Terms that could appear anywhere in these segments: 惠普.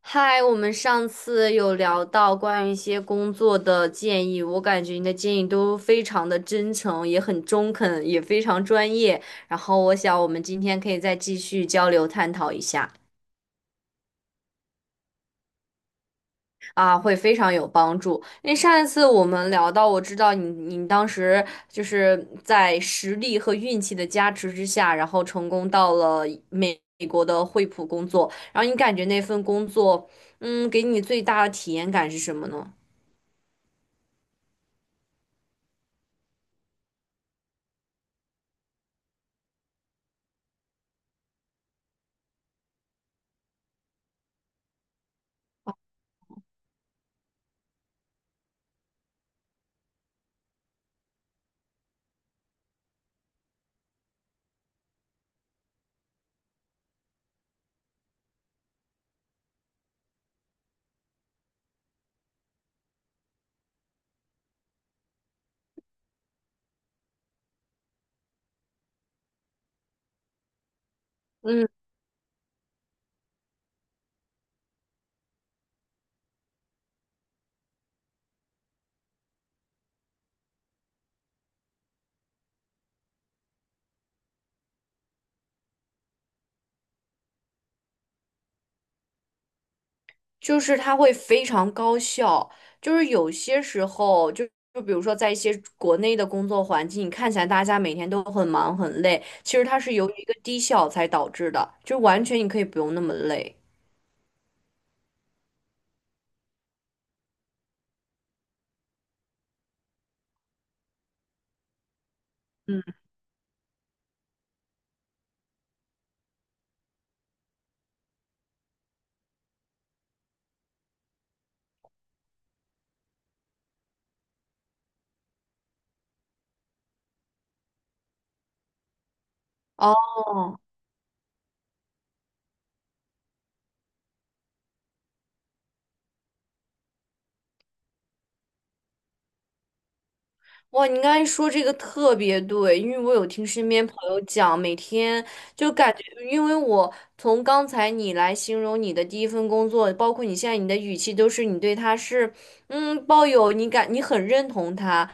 嗨，我们上次有聊到关于一些工作的建议，我感觉你的建议都非常的真诚，也很中肯，也非常专业。然后我想我们今天可以再继续交流探讨一下，啊，会非常有帮助。因为上一次我们聊到，我知道你当时就是在实力和运气的加持之下，然后成功到了美国的惠普工作，然后你感觉那份工作，给你最大的体验感是什么呢？嗯。就是它会非常高效，就是有些时候就。就比如说，在一些国内的工作环境，你看起来大家每天都很忙很累，其实它是由于一个低效才导致的，就完全你可以不用那么累。哦，哇，你刚才说这个特别对，因为我有听身边朋友讲，每天就感觉，因为我从刚才你来形容你的第一份工作，包括你现在你的语气，都是你对他是，抱有你感，你很认同他，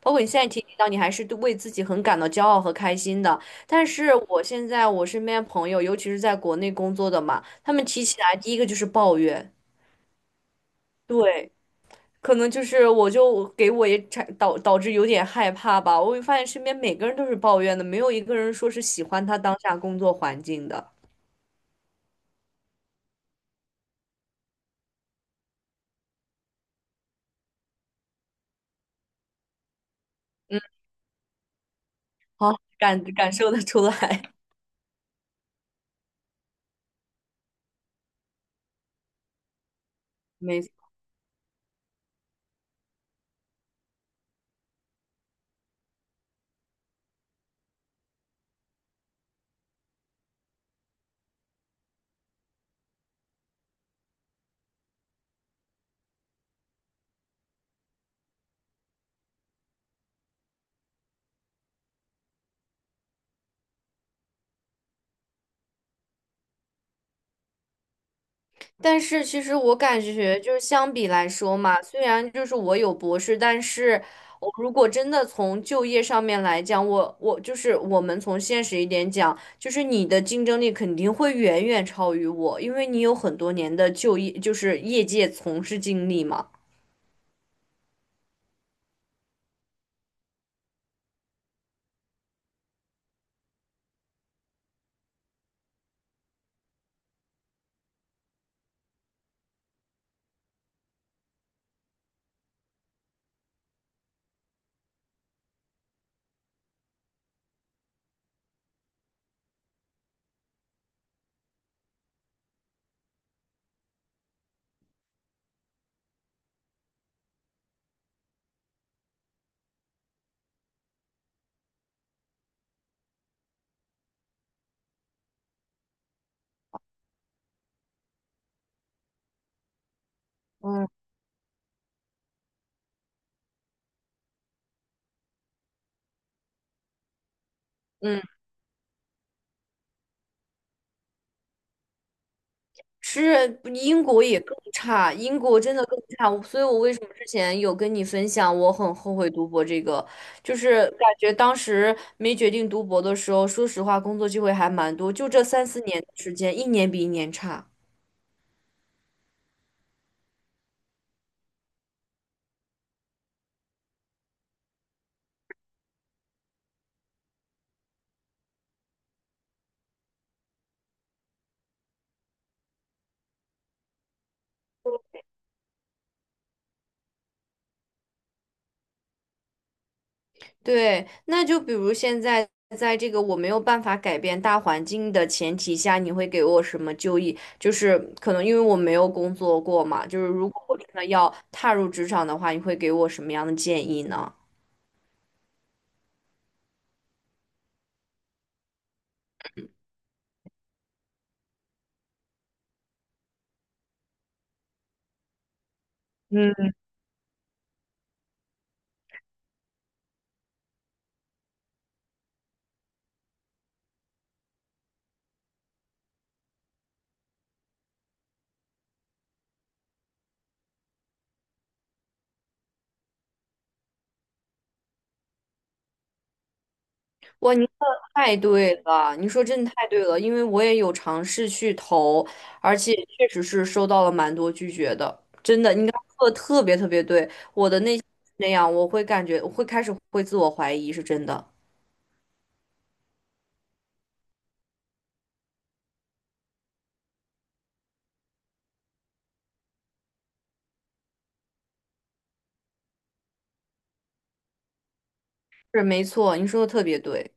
包括你现在提及到你还是对为自己很感到骄傲和开心的。但是我现在我身边朋友，尤其是在国内工作的嘛，他们提起来第一个就是抱怨，对。可能就是我就给我也导致有点害怕吧。我会发现身边每个人都是抱怨的，没有一个人说是喜欢他当下工作环境的。嗯，好，感受得出来。没错，但是其实我感觉就是相比来说嘛，虽然就是我有博士，但是我如果真的从就业上面来讲，我就是我们从现实一点讲，就是你的竞争力肯定会远远超于我，因为你有很多年的就业就是业界从事经历嘛。嗯嗯，是英国也更差，英国真的更差，所以我为什么之前有跟你分享，我很后悔读博这个，就是感觉当时没决定读博的时候，说实话，工作机会还蛮多，就这三四年的时间，一年比一年差。对，那就比如现在在这个我没有办法改变大环境的前提下，你会给我什么就业？就是可能因为我没有工作过嘛，就是如果我真的要踏入职场的话，你会给我什么样的建议呢？哇，您说的太对了，您说真的太对了，因为我也有尝试去投，而且确实是收到了蛮多拒绝的，真的，您刚刚说的特别特别对，我的内心是那样，我会感觉，我会开始会自我怀疑，是真的，是没错，您说的特别对，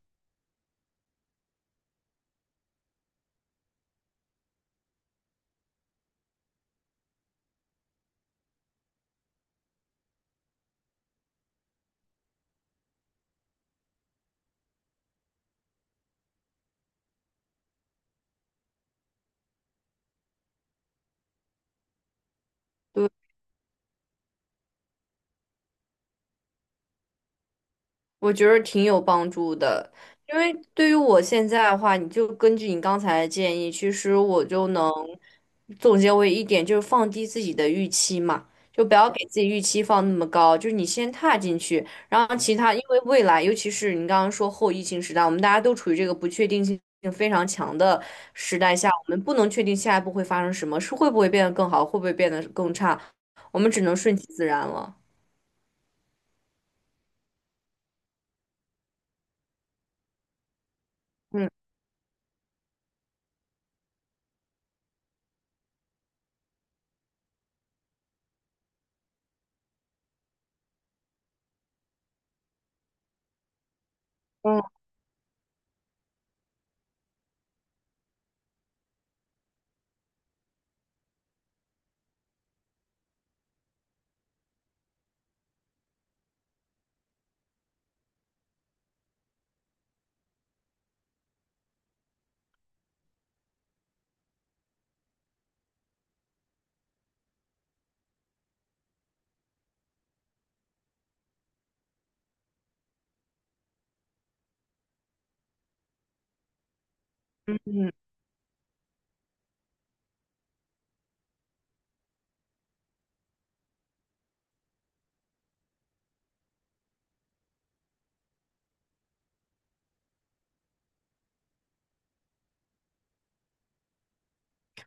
对，我觉得挺有帮助的，因为对于我现在的话，你就根据你刚才的建议，其实我就能总结为一点，就是放低自己的预期嘛，就不要给自己预期放那么高，就是你先踏进去，然后其他，因为未来，尤其是你刚刚说后疫情时代，我们大家都处于这个不确定性非常强的时代下，我们不能确定下一步会发生什么，是会不会变得更好，会不会变得更差，我们只能顺其自然了。嗯嗯。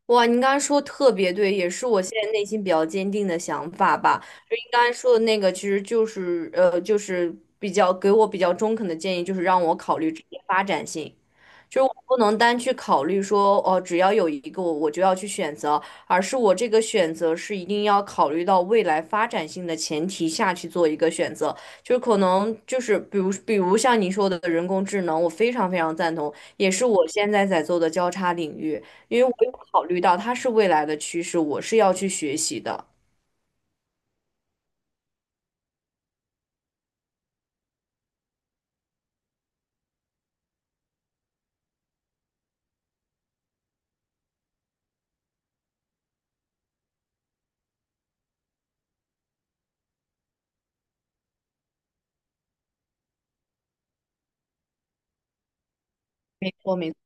哇，您刚才说得特别对，也是我现在内心比较坚定的想法吧。就您刚才说的那个，其实就是比较给我比较中肯的建议，就是让我考虑职业发展性，就是我不能单去考虑说哦，只要有一个我就要去选择，而是我这个选择是一定要考虑到未来发展性的前提下去做一个选择。就是可能就是比如像您说的人工智能，我非常非常赞同，也是我现在在做的交叉领域。因为我有考虑到它是未来的趋势，我是要去学习的。没错，没错。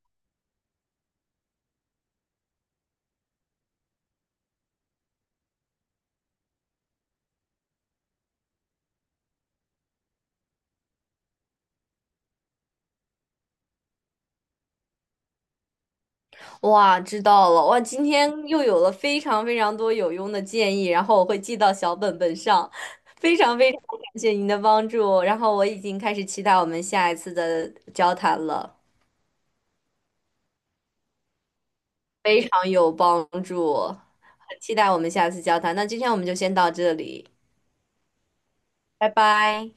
哇，知道了。哇，今天又有了非常非常多有用的建议，然后我会记到小本本上。非常非常感谢您的帮助，然后我已经开始期待我们下一次的交谈了，非常有帮助，很期待我们下次交谈。那今天我们就先到这里，拜拜。